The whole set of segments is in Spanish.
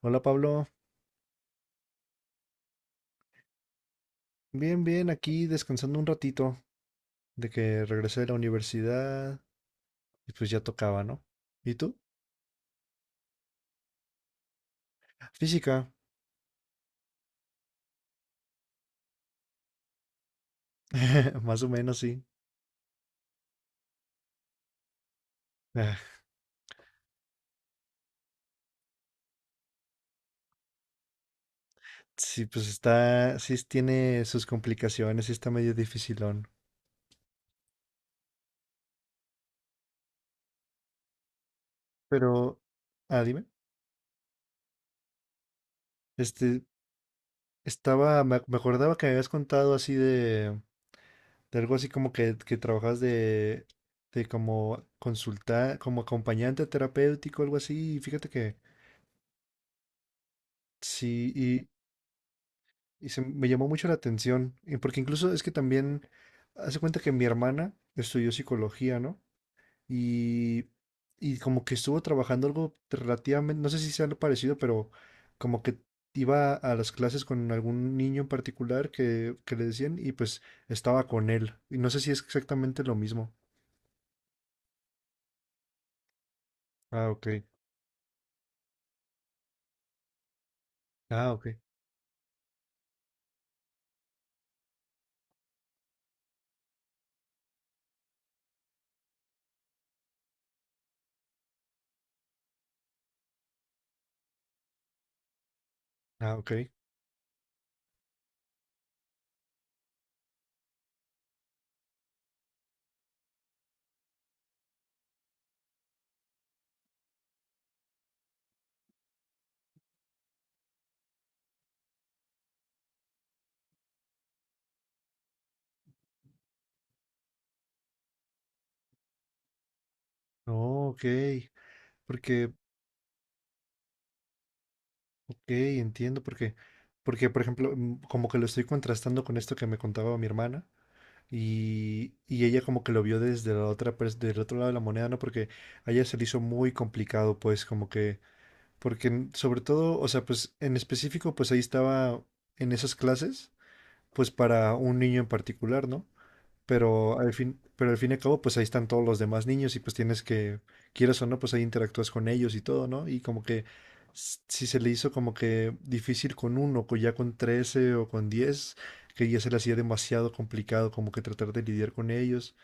Hola Pablo, bien, bien, aquí descansando un ratito de que regresé de la universidad. Y pues ya tocaba, ¿no? ¿Y tú? Física. Más o menos sí. Ah, sí, pues está, sí tiene sus complicaciones, sí está medio dificilón. Pero, ah, dime, este, estaba, me acordaba que me habías contado así de algo así como que trabajas de como consultar, como acompañante terapéutico, algo así, y fíjate que sí. Y se me llamó mucho la atención, y porque incluso es que también hace cuenta que mi hermana estudió psicología, ¿no? Y, y como que estuvo trabajando algo relativamente, no sé si sea algo parecido, pero como que iba a las clases con algún niño en particular que le decían y pues estaba con él. Y no sé si es exactamente lo mismo. Ah, ok. Ah, ok. Ah, ok. No, ok. Porque, ok, entiendo, porque, porque, por ejemplo, como que lo estoy contrastando con esto que me contaba mi hermana. Y ella como que lo vio desde la otra, del otro lado de la moneda, ¿no? Porque a ella se le hizo muy complicado, pues, como que, porque sobre todo, o sea, pues en específico, pues ahí estaba en esas clases, pues para un niño en particular, ¿no? Pero al fin, pero al fin y al cabo, pues ahí están todos los demás niños y pues tienes que, quieras o no, pues ahí interactúas con ellos y todo, ¿no? Y como que si se le hizo como que difícil con uno, con ya con 13 o con 10, que ya se le hacía demasiado complicado como que tratar de lidiar con ellos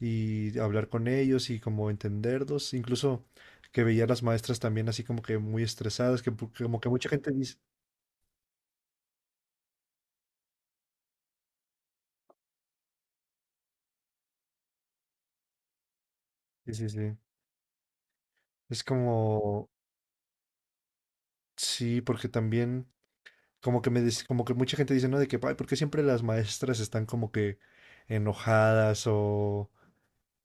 y hablar con ellos y como entenderlos, incluso que veía a las maestras también así como que muy estresadas, que como que mucha gente dice, sí, sí, sí. Es como, sí, porque también, como que como que mucha gente dice, ¿no? De que, ay, ¿por qué siempre las maestras están como que enojadas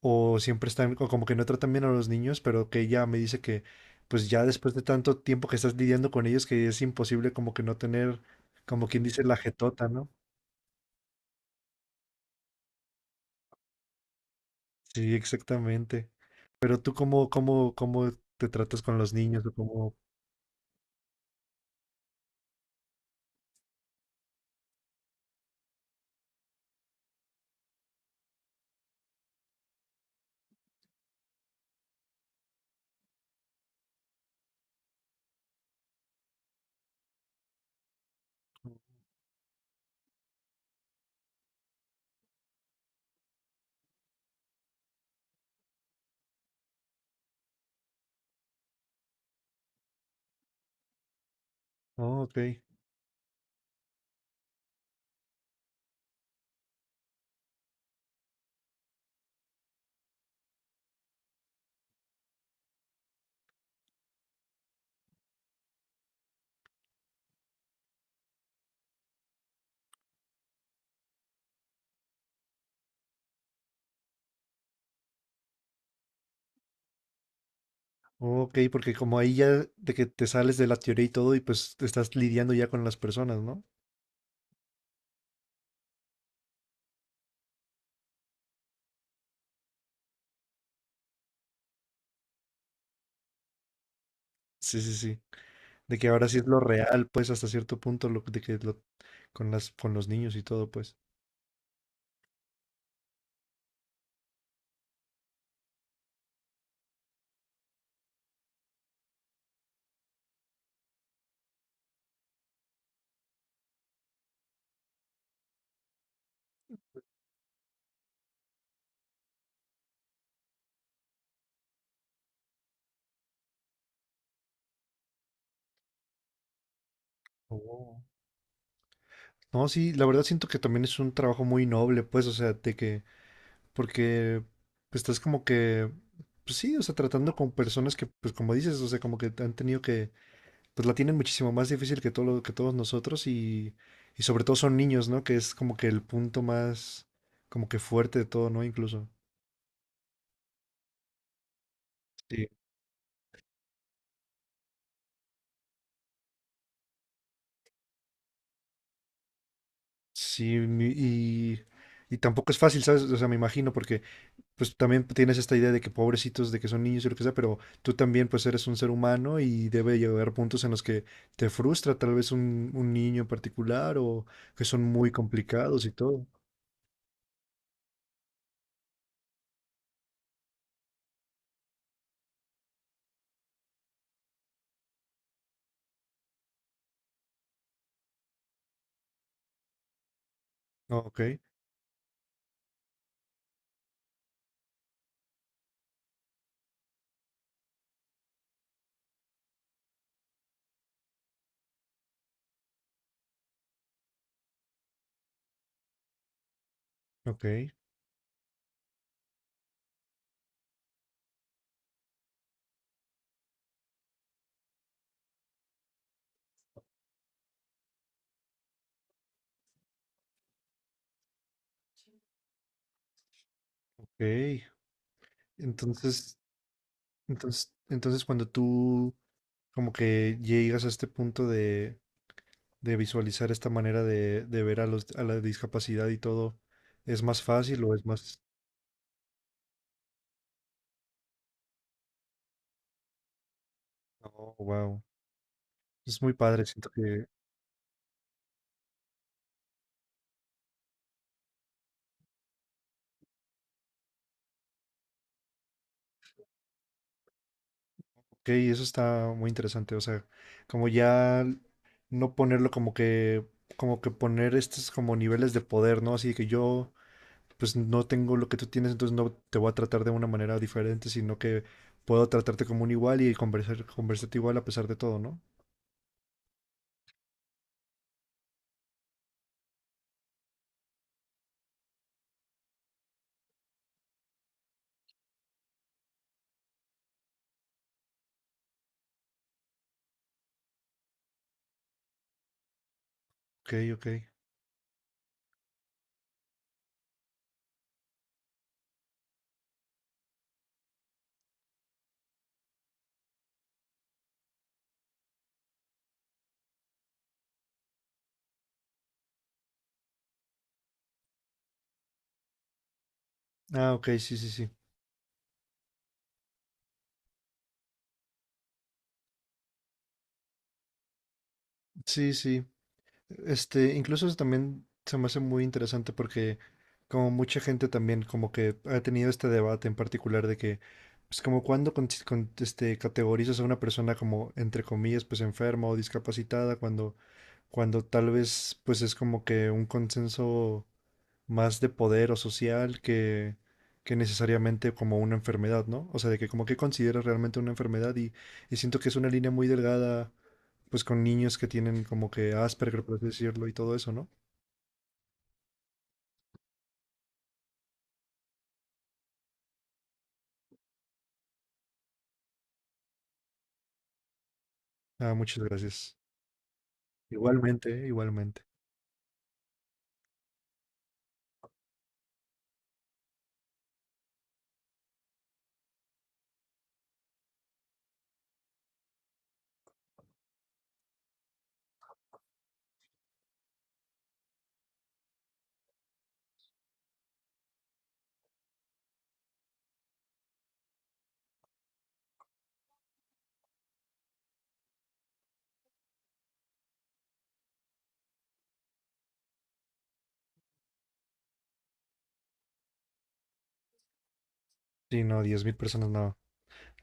o siempre están o como que no tratan bien a los niños? Pero que ella me dice que, pues ya después de tanto tiempo que estás lidiando con ellos, que es imposible como que no tener, como quien dice, la jetota, ¿no? Sí, exactamente. Pero tú cómo, cómo, cómo te tratas con los niños o cómo... Oh, ok. Oh, ok, porque como ahí ya de que te sales de la teoría y todo y pues te estás lidiando ya con las personas, ¿no? Sí, sí, sí. De que ahora sí es lo real, pues, hasta cierto punto, lo, de que lo, con las, con los niños y todo, pues. Oh. No, sí, la verdad siento que también es un trabajo muy noble, pues, o sea, de que, porque pues, estás como que, pues sí, o sea, tratando con personas que, pues como dices, o sea, como que han tenido que, pues la tienen muchísimo más difícil que todo que todos nosotros y sobre todo son niños, ¿no? Que es como que el punto más, como que fuerte de todo, ¿no? Incluso. Sí, sí, y tampoco es fácil, ¿sabes? O sea, me imagino, porque pues también tienes esta idea de que pobrecitos, de que son niños y lo que sea, pero tú también pues eres un ser humano y debe llegar puntos en los que te frustra tal vez un niño en particular o que son muy complicados y todo. Ah, ok, ok, ok. Entonces, entonces cuando tú como que llegas a este punto de visualizar esta manera de ver a los, a la discapacidad y todo, ¿es más fácil o es más... Oh, wow. Es muy padre, siento que... Ok, eso está muy interesante. O sea, como ya no ponerlo como que poner estos como niveles de poder, ¿no? Así que yo, pues no tengo lo que tú tienes, entonces no te voy a tratar de una manera diferente, sino que puedo tratarte como un igual y conversar, conversarte igual a pesar de todo, ¿no? Ok, ok. Ah, ok, sí, sí, sí. Sí, sí. Este, incluso eso también se me hace muy interesante porque como mucha gente también como que ha tenido este debate en particular de que pues como cuando con, este, categorizas a una persona como entre comillas pues enferma o discapacitada cuando cuando tal vez pues es como que un consenso más de poder o social que necesariamente como una enfermedad, ¿no? O sea, de que como que consideras realmente una enfermedad y siento que es una línea muy delgada pues con niños que tienen como que Asperger, por así decirlo, y todo eso, ¿no? Ah, muchas gracias. Igualmente, igualmente. Sí, no, 10.000 personas no.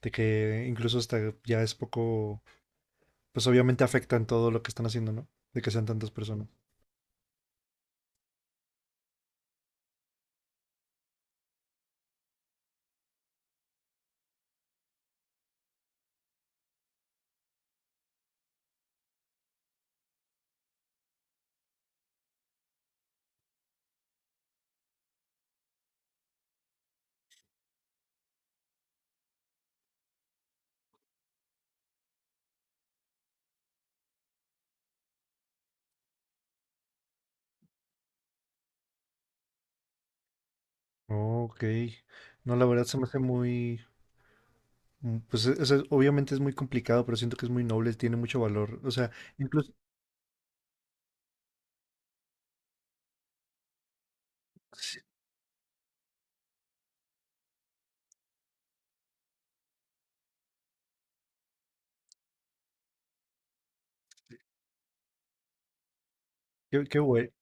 De que incluso hasta ya es poco, pues obviamente afectan todo lo que están haciendo, ¿no? De que sean tantas personas. Ok. No, la verdad se me hace muy, pues obviamente es muy complicado, pero siento que es muy noble, tiene mucho valor. O sea, incluso, sí, qué,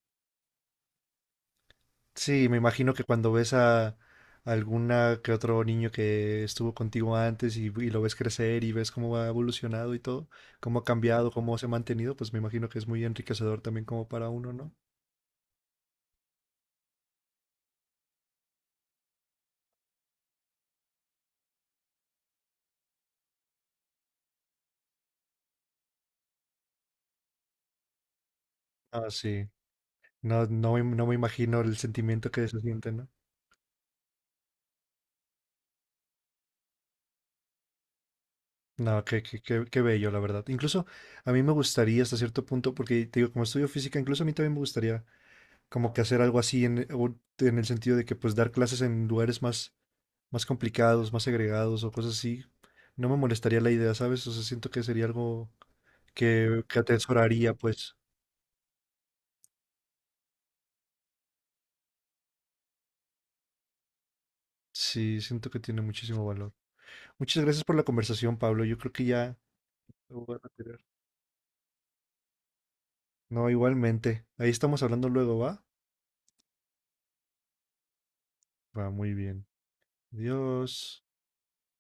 sí, me imagino que cuando ves a alguna que otro niño que estuvo contigo antes y lo ves crecer y ves cómo ha evolucionado y todo, cómo ha cambiado, cómo se ha mantenido, pues me imagino que es muy enriquecedor también como para uno, ¿no? Ah, sí. No, no, no me imagino el sentimiento que se siente, ¿no? No, qué, qué, qué, qué bello, la verdad. Incluso a mí me gustaría hasta cierto punto, porque te digo, como estudio física, incluso a mí también me gustaría como que hacer algo así en, o en el sentido de que pues dar clases en lugares más más complicados, más segregados o cosas así, no me molestaría la idea, ¿sabes? O sea, siento que sería algo que atesoraría, pues. Sí, siento que tiene muchísimo valor. Muchas gracias por la conversación, Pablo. Yo creo que ya me voy a retirar. No, igualmente. Ahí estamos hablando luego, ¿va? Va muy bien. Adiós.